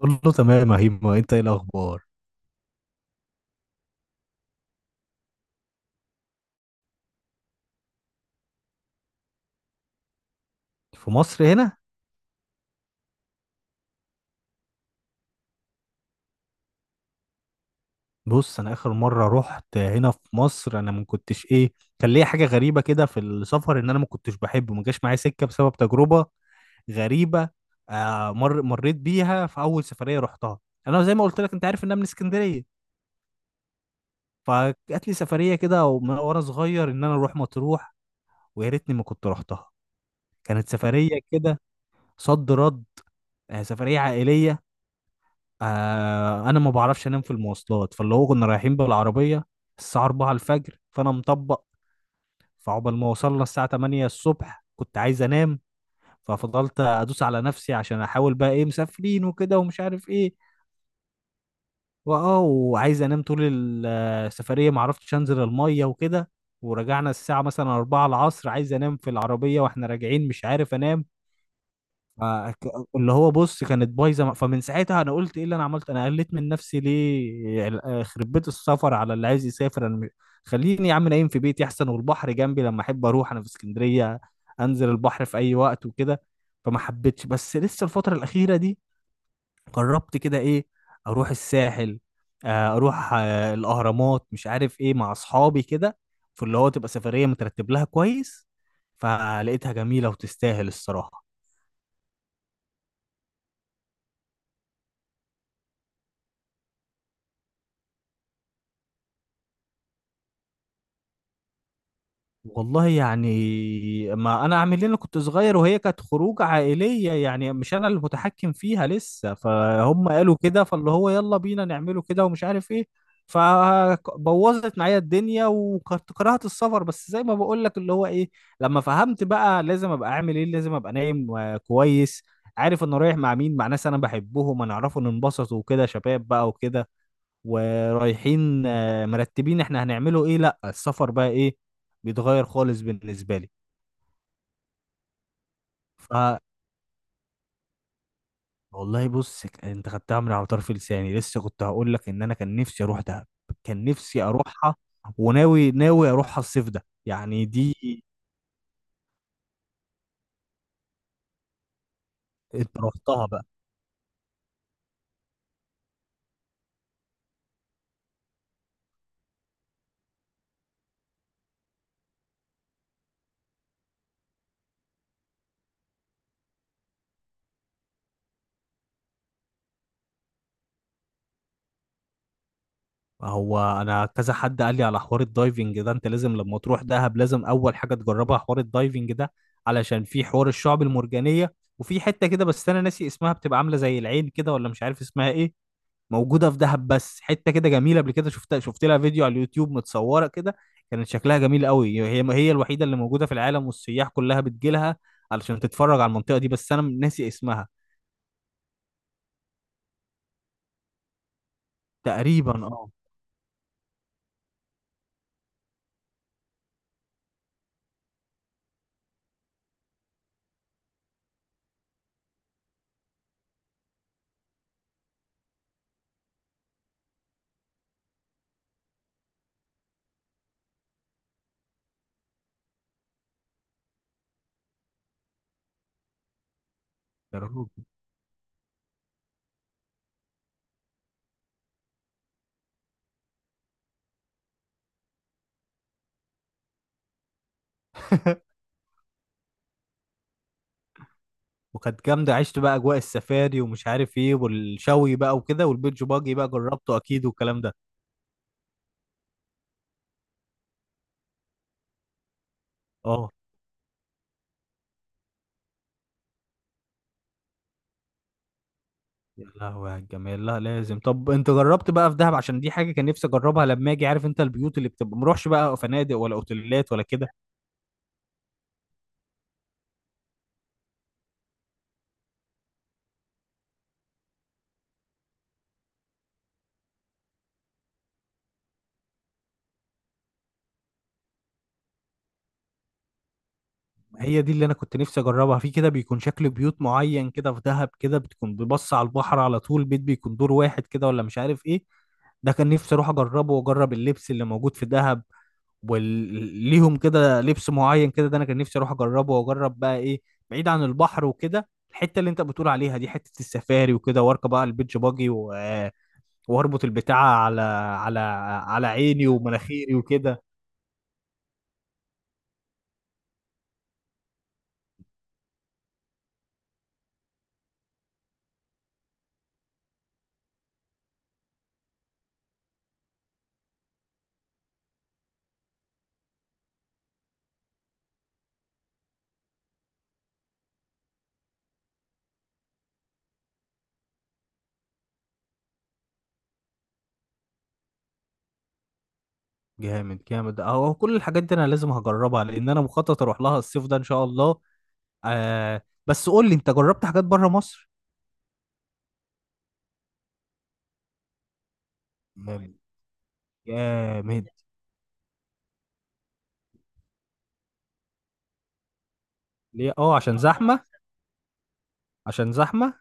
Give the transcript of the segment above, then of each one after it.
قول له تمام يا هيما، انت ايه الاخبار في مصر هنا؟ بص، انا اخر مره رحت هنا في مصر انا ما كنتش ايه. كان ليا حاجه غريبه كده في السفر ان انا ما كنتش بحبه، ما جاش معايا سكه بسبب تجربه غريبه. آه مر مريت بيها في اول سفريه رحتها. انا زي ما قلت لك، انت عارف ان انا من اسكندريه. فجات لي سفريه كده ومن وانا صغير ان انا اروح مطروح، ويا ريتني ما كنت رحتها. كانت سفريه كده صد رد. سفريه عائليه. انا ما بعرفش انام في المواصلات، فاللي هو كنا رايحين بالعربيه الساعه 4 الفجر فانا مطبق. فعقبال ما وصلنا الساعه 8 الصبح كنت عايز انام. ففضلت ادوس على نفسي عشان احاول بقى ايه، مسافرين وكده ومش عارف ايه. وعايز انام طول السفريه، ما عرفتش انزل الميه وكده. ورجعنا الساعه مثلا 4 العصر عايز انام في العربيه واحنا راجعين مش عارف انام. ما- ك- اللي هو بص كانت بايظه. فمن ساعتها انا قلت ايه اللي انا عملته؟ انا قلت من نفسي ليه يعني خرب بيت السفر على اللي عايز يسافر؟ خليني يا عم نايم في بيتي احسن، والبحر جنبي لما احب اروح انا في اسكندريه انزل البحر في اي وقت وكده. فما حبيتش. بس لسه الفتره الاخيره دي قربت كده ايه اروح الساحل، اروح الاهرامات مش عارف ايه مع اصحابي كده، في اللي هو تبقى سفريه مترتب لها كويس. فلقيتها جميله وتستاهل الصراحه. والله يعني ما انا اعمل إيه؟ انا كنت صغير وهي كانت خروج عائليه، يعني مش انا المتحكم فيها لسه، فهم قالوا كده فاللي هو يلا بينا نعمله كده ومش عارف ايه. فبوظت معايا الدنيا وكنت كرهت السفر. بس زي ما بقول لك اللي هو ايه، لما فهمت بقى لازم ابقى اعمل ايه، لازم ابقى نايم كويس، عارف انا رايح مع مين، مع ناس انا بحبهم انا اعرفه ننبسط وكده شباب بقى وكده ورايحين مرتبين احنا هنعمله ايه، لا السفر بقى ايه بيتغير خالص بالنسبه لي. ف والله بص، انت خدتها من على طرف لساني. لسه كنت هقول لك ان انا كان نفسي اروح دهب، كان نفسي اروحها وناوي ناوي اروحها الصيف ده يعني دي. انت رحتها بقى؟ هو انا كذا حد قال لي على حوار الدايفنج ده، انت لازم لما تروح دهب لازم اول حاجه تجربها حوار الدايفنج ده علشان في حوار الشعب المرجانيه. وفي حته كده، بس انا ناسي اسمها، بتبقى عامله زي العين كده ولا مش عارف اسمها ايه. موجوده في دهب بس حته كده جميله، قبل كده شفتها، شفت لها فيديو على اليوتيوب متصوره كده. كانت شكلها جميل قوي، هي هي الوحيده اللي موجوده في العالم والسياح كلها بتجي لها علشان تتفرج على المنطقه دي. بس انا ناسي اسمها. تقريبا اه. يا راجل. وكانت جامدة، عشت بقى أجواء السفاري ومش عارف إيه والشوي بقى وكده والبيتش باجي بقى جربته أكيد والكلام ده. أه يا لهوي على الجمال. لا لازم. طب أنت جربت بقى في دهب؟ عشان دي حاجة كان نفسي أجربها لما أجي، عارف أنت البيوت اللي بتبقى، مروحش بقى فنادق ولا أوتيلات ولا كده؟ هي دي اللي أنا كنت نفسي أجربها، في كده بيكون شكل بيوت معين كده في دهب كده بتكون ببص على البحر على طول، بيت بيكون دور واحد كده ولا مش عارف إيه. ده كان نفسي اروح اجربه واجرب اللبس اللي موجود في دهب، وليهم كده لبس معين كده، ده انا كان نفسي اروح اجربه. واجرب بقى ايه بعيد عن البحر وكده الحته اللي انت بتقول عليها دي، حته السفاري وكده، واركب بقى البيتش باجي واربط البتاعه على على على عيني ومناخيري وكده. جامد جامد اهو، كل الحاجات دي انا لازم هجربها لان انا مخطط اروح لها الصيف ده ان شاء الله. آه بس قول لي انت جربت حاجات بره مصر؟ جامد جامد. ليه؟ اه عشان زحمه؟ عشان زحمه.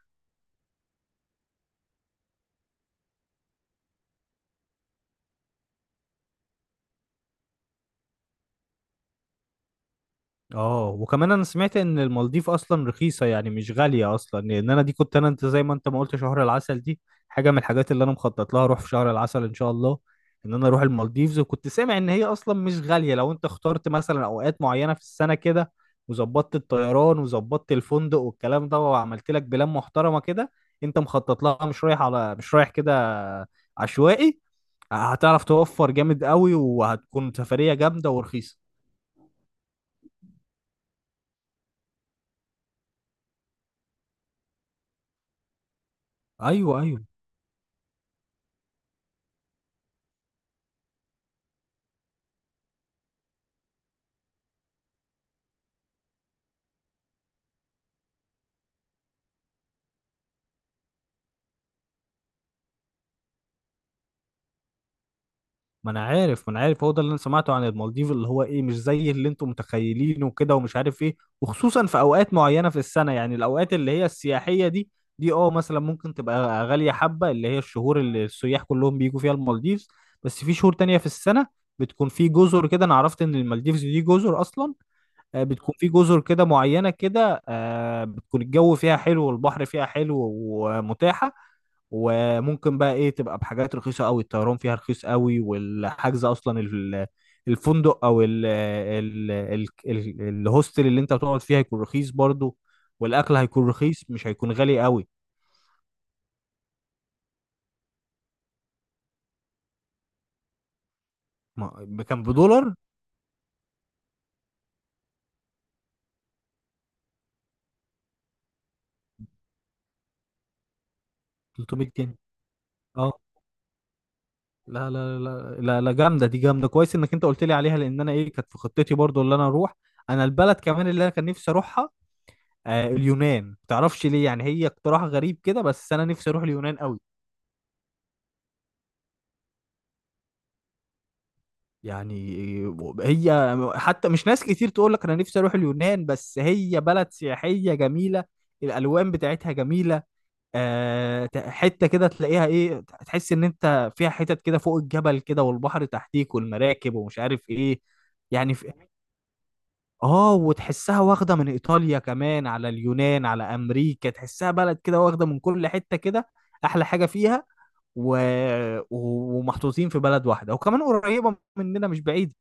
اه وكمان انا سمعت ان المالديف اصلا رخيصه يعني مش غاليه اصلا، لان انا دي كنت انا، انت زي ما انت ما قلت شهر العسل دي حاجه من الحاجات اللي انا مخطط لها اروح في شهر العسل ان شاء الله، ان انا اروح المالديفز. وكنت سامع ان هي اصلا مش غاليه لو انت اخترت مثلا اوقات معينه في السنه كده، وظبطت الطيران وظبطت الفندق والكلام ده، وعملت لك بلان محترمه كده، انت مخطط لها، مش رايح على مش رايح كده عشوائي، هتعرف توفر جامد قوي، وهتكون سفريه جامده ورخيصه. ايوه ايوه. ما انا عارف، ما انا عارف هو ده اللي انا سمعته عن المالديف اللي هو ايه، مش زي اللي انتم متخيلينه وكده ومش عارف ايه. وخصوصا في اوقات معينه في السنه، يعني الاوقات اللي هي السياحيه دي، دي اه مثلا ممكن تبقى غاليه حبه، اللي هي الشهور اللي السياح كلهم بيجوا فيها المالديفز. بس في شهور تانية في السنه بتكون في جزر كده، انا عرفت ان المالديفز دي جزر اصلا. بتكون في جزر كده معينة كده، بتكون الجو فيها حلو والبحر فيها حلو ومتاحة. وممكن بقى ايه تبقى بحاجات رخيصة قوي، الطيران فيها رخيص قوي، والحجز اصلا الفندق او ال ال ال ال الهوستل اللي انت هتقعد فيها هيكون رخيص برضو، والاكل هيكون رخيص مش هيكون غالي قوي. ما كان بدولار. 300 جنيه. اه. لا لا لا لا لا. جامده دي، جامده كويس انك انت قلت لي عليها، لان انا ايه كانت في خطتي برضو اللي انا اروح، انا البلد كمان اللي انا كان نفسي اروحها. اليونان، تعرفش ليه يعني، هي اقتراح غريب كده بس انا نفسي اروح اليونان قوي. يعني هي حتى مش ناس كتير تقول لك انا نفسي اروح اليونان، بس هي بلد سياحيه جميله، الالوان بتاعتها جميله. حته كده تلاقيها ايه، تحس ان انت فيها حتت كده فوق الجبل كده والبحر تحتيك والمراكب ومش عارف ايه، يعني اه وتحسها واخده من ايطاليا كمان على اليونان على امريكا، تحسها بلد كده واخده من كل حته كده احلى حاجه فيها، و... ومحطوطين في بلد واحده وكمان قريبه مننا مش بعيد.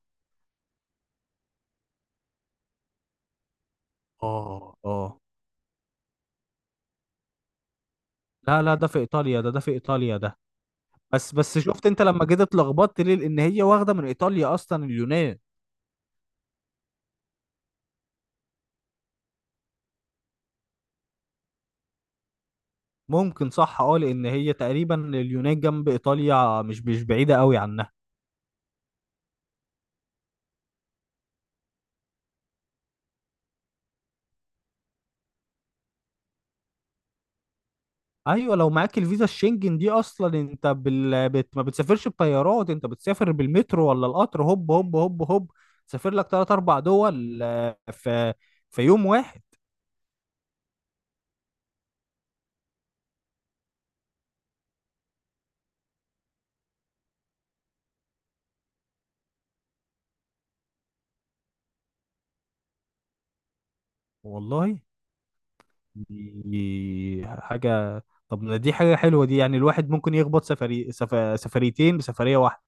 اه اه. لا لا، ده في ايطاليا ده في ايطاليا ده. بس شفت انت لما جيت اتلخبطت ليه؟ لان هي واخده من ايطاليا اصلا اليونان. ممكن، صح اه، لان هي تقريبا اليونان جنب ايطاليا مش بعيده قوي عنها. ايوه، لو معاك الفيزا الشنجن دي اصلا، انت ما بتسافرش بطيارات، انت بتسافر بالمترو ولا القطر، هوب هوب هوب هوب تسافر لك 3 أو 4 دول في يوم واحد. والله دي حاجه. طب ما دي حاجه حلوه دي، يعني الواحد ممكن يخبط سفريتين بسفريه واحده.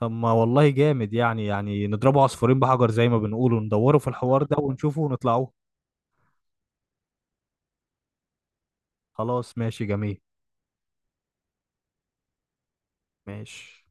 طب ما والله جامد، يعني نضربه عصفورين بحجر زي ما بنقول وندوره في الحوار ده ونشوفه ونطلعوه. خلاص ماشي جميل. ماشي.